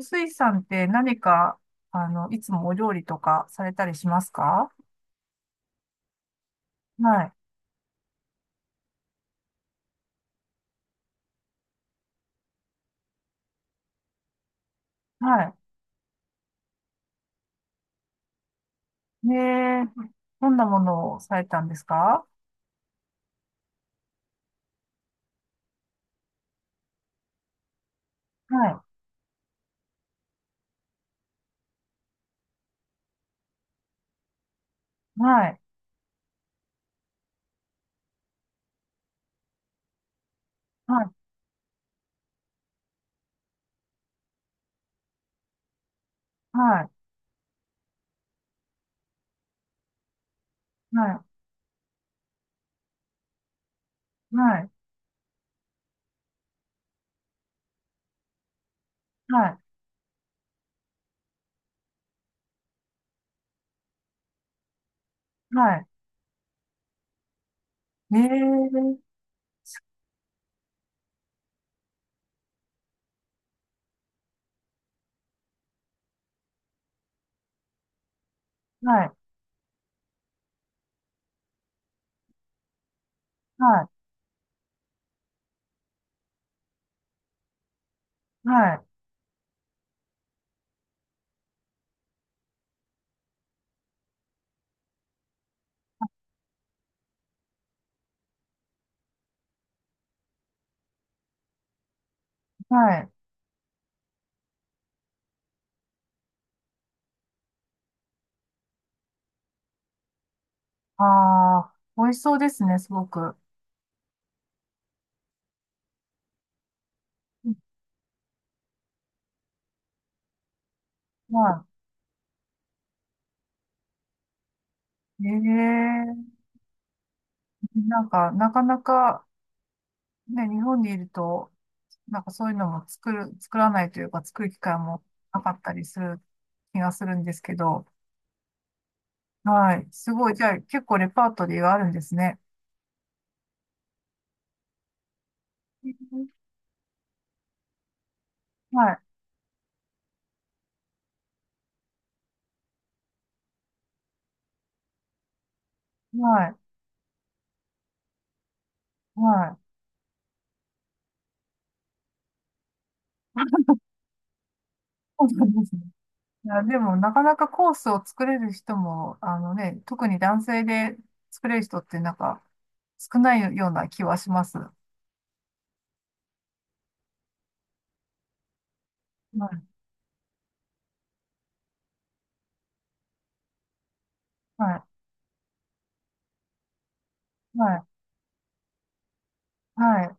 スイさんって何か、いつもお料理とかされたりしますか？はい。はい。ねえ、どんなものをされたんですか？はい。はい。はい。はい。はい。はい。はい。はい。ねえ、はい。はい。はい。はい。ああ、美味しそうですね、すごく。うん。はい。ねえ、なんか、なかなか、ね、日本にいると、なんかそういうのも作る、作らないというか、作る機会もなかったりする気がするんですけど、はい。すごい。じゃあ、結構レパートリーがあるんですね。はい。はい。はい。そうなんですね。いや、でも、なかなかコースを作れる人も、あのね、特に男性で作れる人って、なんか、少ないような気はします。はい。はい。はい。はい。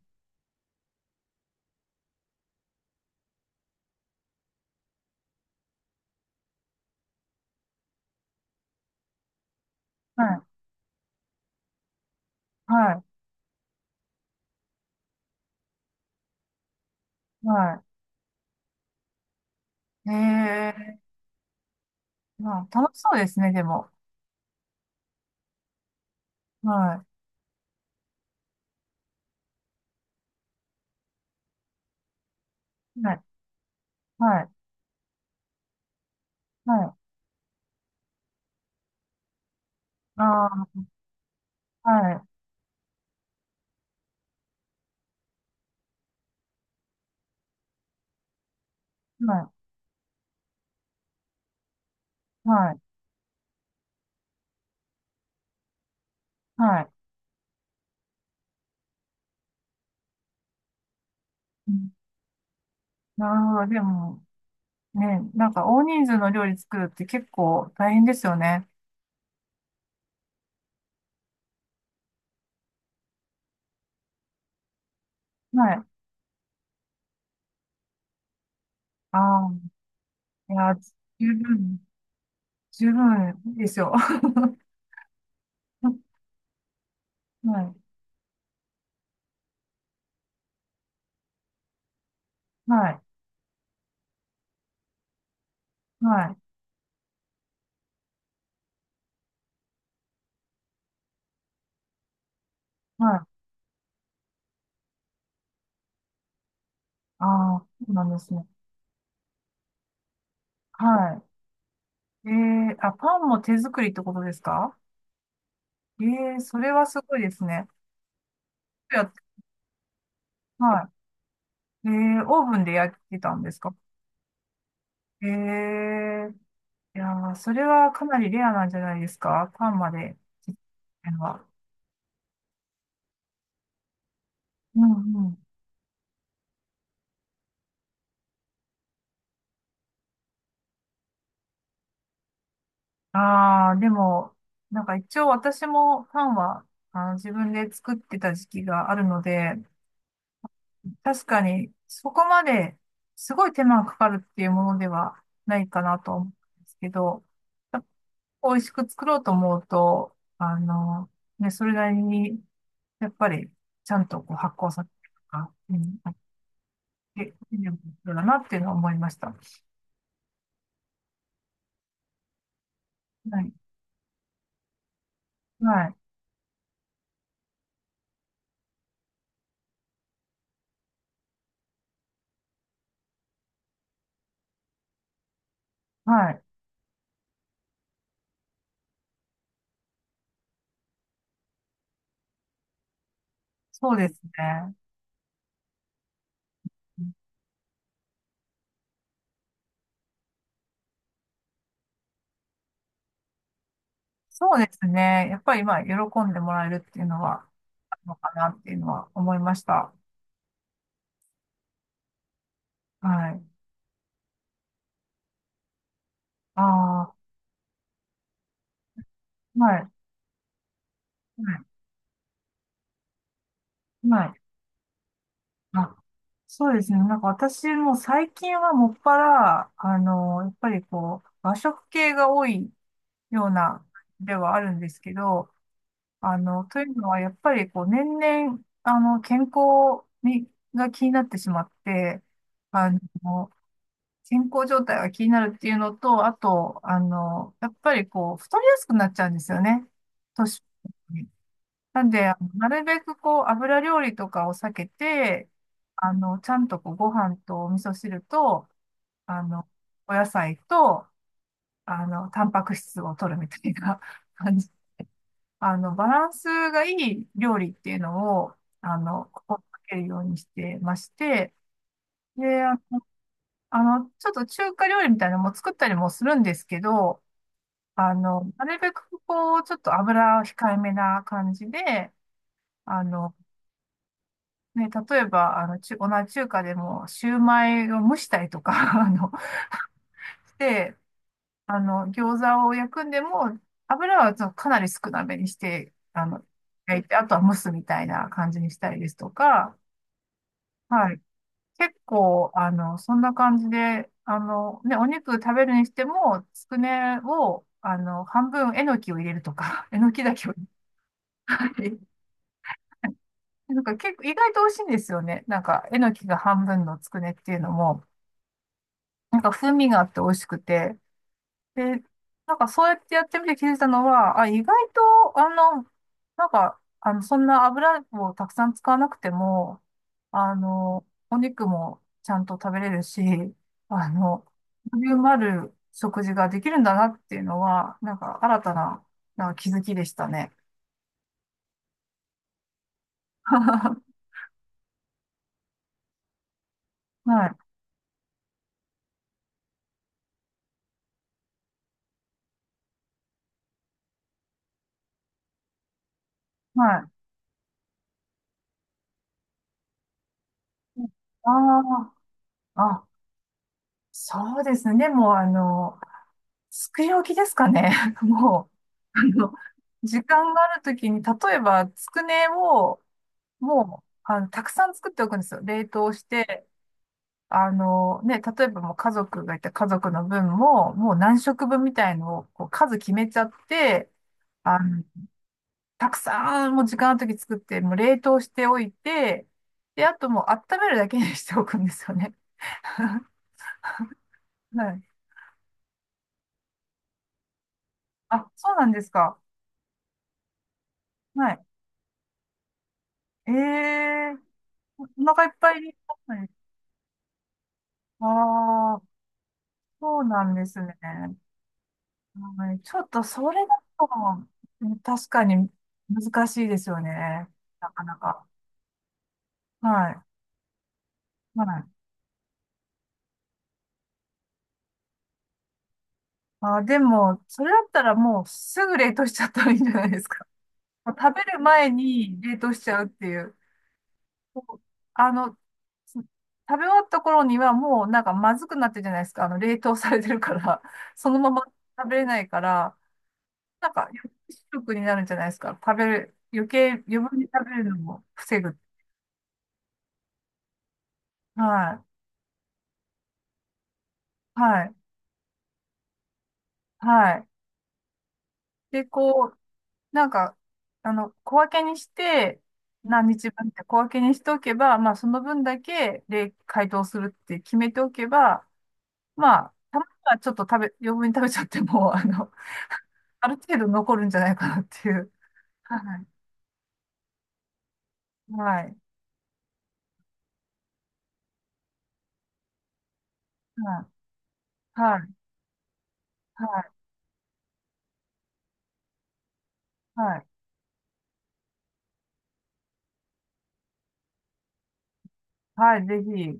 はい。はい。はい。ええ。まあ、楽しそうですね、でも。はい。はい。はい。はい。ああ、はい。はい。はい。はい。うん。なるほど。でも、ね、なんか大人数の料理作るって結構大変ですよね。はい。ああ、いや、十分、十分ですよ。はい。はい。はい。はい。ああ、そうなんですね。はい。ええ。あ、パンも手作りってことですか？えー、それはすごいですね。やはい。えー、オーブンで焼いてたんですか？ええ。いやー、それはかなりレアなんじゃないですか、パンまで。あの、は、うんうん。ああ、でも、なんか一応私もパンは、自分で作ってた時期があるので、確かにそこまですごい手間がかかるっていうものではないかなと思うんですけど、やっぱ美味しく作ろうと思うと、ね、それなりに、やっぱりちゃんとこう発酵させてとか、うん、て、手間がかかるんだなっていうのは思いました。はい。はい。はい。そうですね。そうですね。やっぱり、まあ、喜んでもらえるっていうのは、あるのかなっていうのは思いました。はい。ああ、はい。はい。はい。あ、そうですね。なんか私も最近はもっぱら、やっぱりこう、和食系が多いような、ではあるんですけど、というのは、やっぱりこう、年々、健康に、が気になってしまって、あの、健康状態が気になるっていうのと、あと、やっぱりこう、太りやすくなっちゃうんですよね。年に。なんで、なるべくこう、油料理とかを避けて、ちゃんとこう、ご飯とお味噌汁と、あの、お野菜と、タンパク質を取るみたいな 感じ。バランスがいい料理っていうのを、心がけるようにしてまして、で、ちょっと中華料理みたいなのも作ったりもするんですけど、なるべくこう、ちょっと油を控えめな感じで、あの、ね、例えば、同じ中華でも、シューマイを蒸したりとか、あの、して、餃子を焼くんでも、油はちょっとかなり少なめにして、焼いて、あとは蒸すみたいな感じにしたりですとか、はい。結構、そんな感じで、ね、お肉食べるにしても、つくねを、半分、えのきを入れるとか、えのきだけを、はい。なんか結構意外と美味しいんですよね。なんか、えのきが半分のつくねっていうのも、なんか風味があって美味しくて。で、なんかそうやってやってみて気づいたのは、あ、意外と、なんか、そんな油をたくさん使わなくても、お肉もちゃんと食べれるし、あの、ボリュームある食事ができるんだなっていうのは、なんか新たな、なんか気づきでしたね。はい。はい。ああ、あ、そうですね。でも、作り置きですかね。もう、時間があるときに、例えば、つくねを、もう、たくさん作っておくんですよ。冷凍して、ね、例えばもう家族がいて、家族の分も、もう何食分みたいのを、こう、数決めちゃって、あの、たくさん、もう時間あるとき作って、もう冷凍しておいて、で、あともう温めるだけにしておくんですよね。はい。あ、そうなんですか。はい。ええ。お腹いっぱいになったね。ああ、そうなんですね。はい、ちょっとそれだと、確かに難しいですよね。なかなか。はい。はい。あ、でも、それだったらもうすぐ冷凍しちゃったらいいんじゃないですか。もう食べる前に冷凍しちゃうっていう。こう、あの、食べ終わった頃にはもうなんかまずくなってるじゃないですか。冷凍されてるから、そのまま食べれないから、なんか、食になるんじゃないですか。食べる、余計、余分に食べるのも防ぐ。はい。はい。はい。で、こう、なんか、小分けにして、何日分って小分けにしておけば、まあ、その分だけ、で、解凍するって決めておけば、まあ、たまにはちょっと余分に食べちゃっても、ある程度残るんじゃないかなっていう。はい。はい。はい。はい。はい。はい。はい。ぜひ。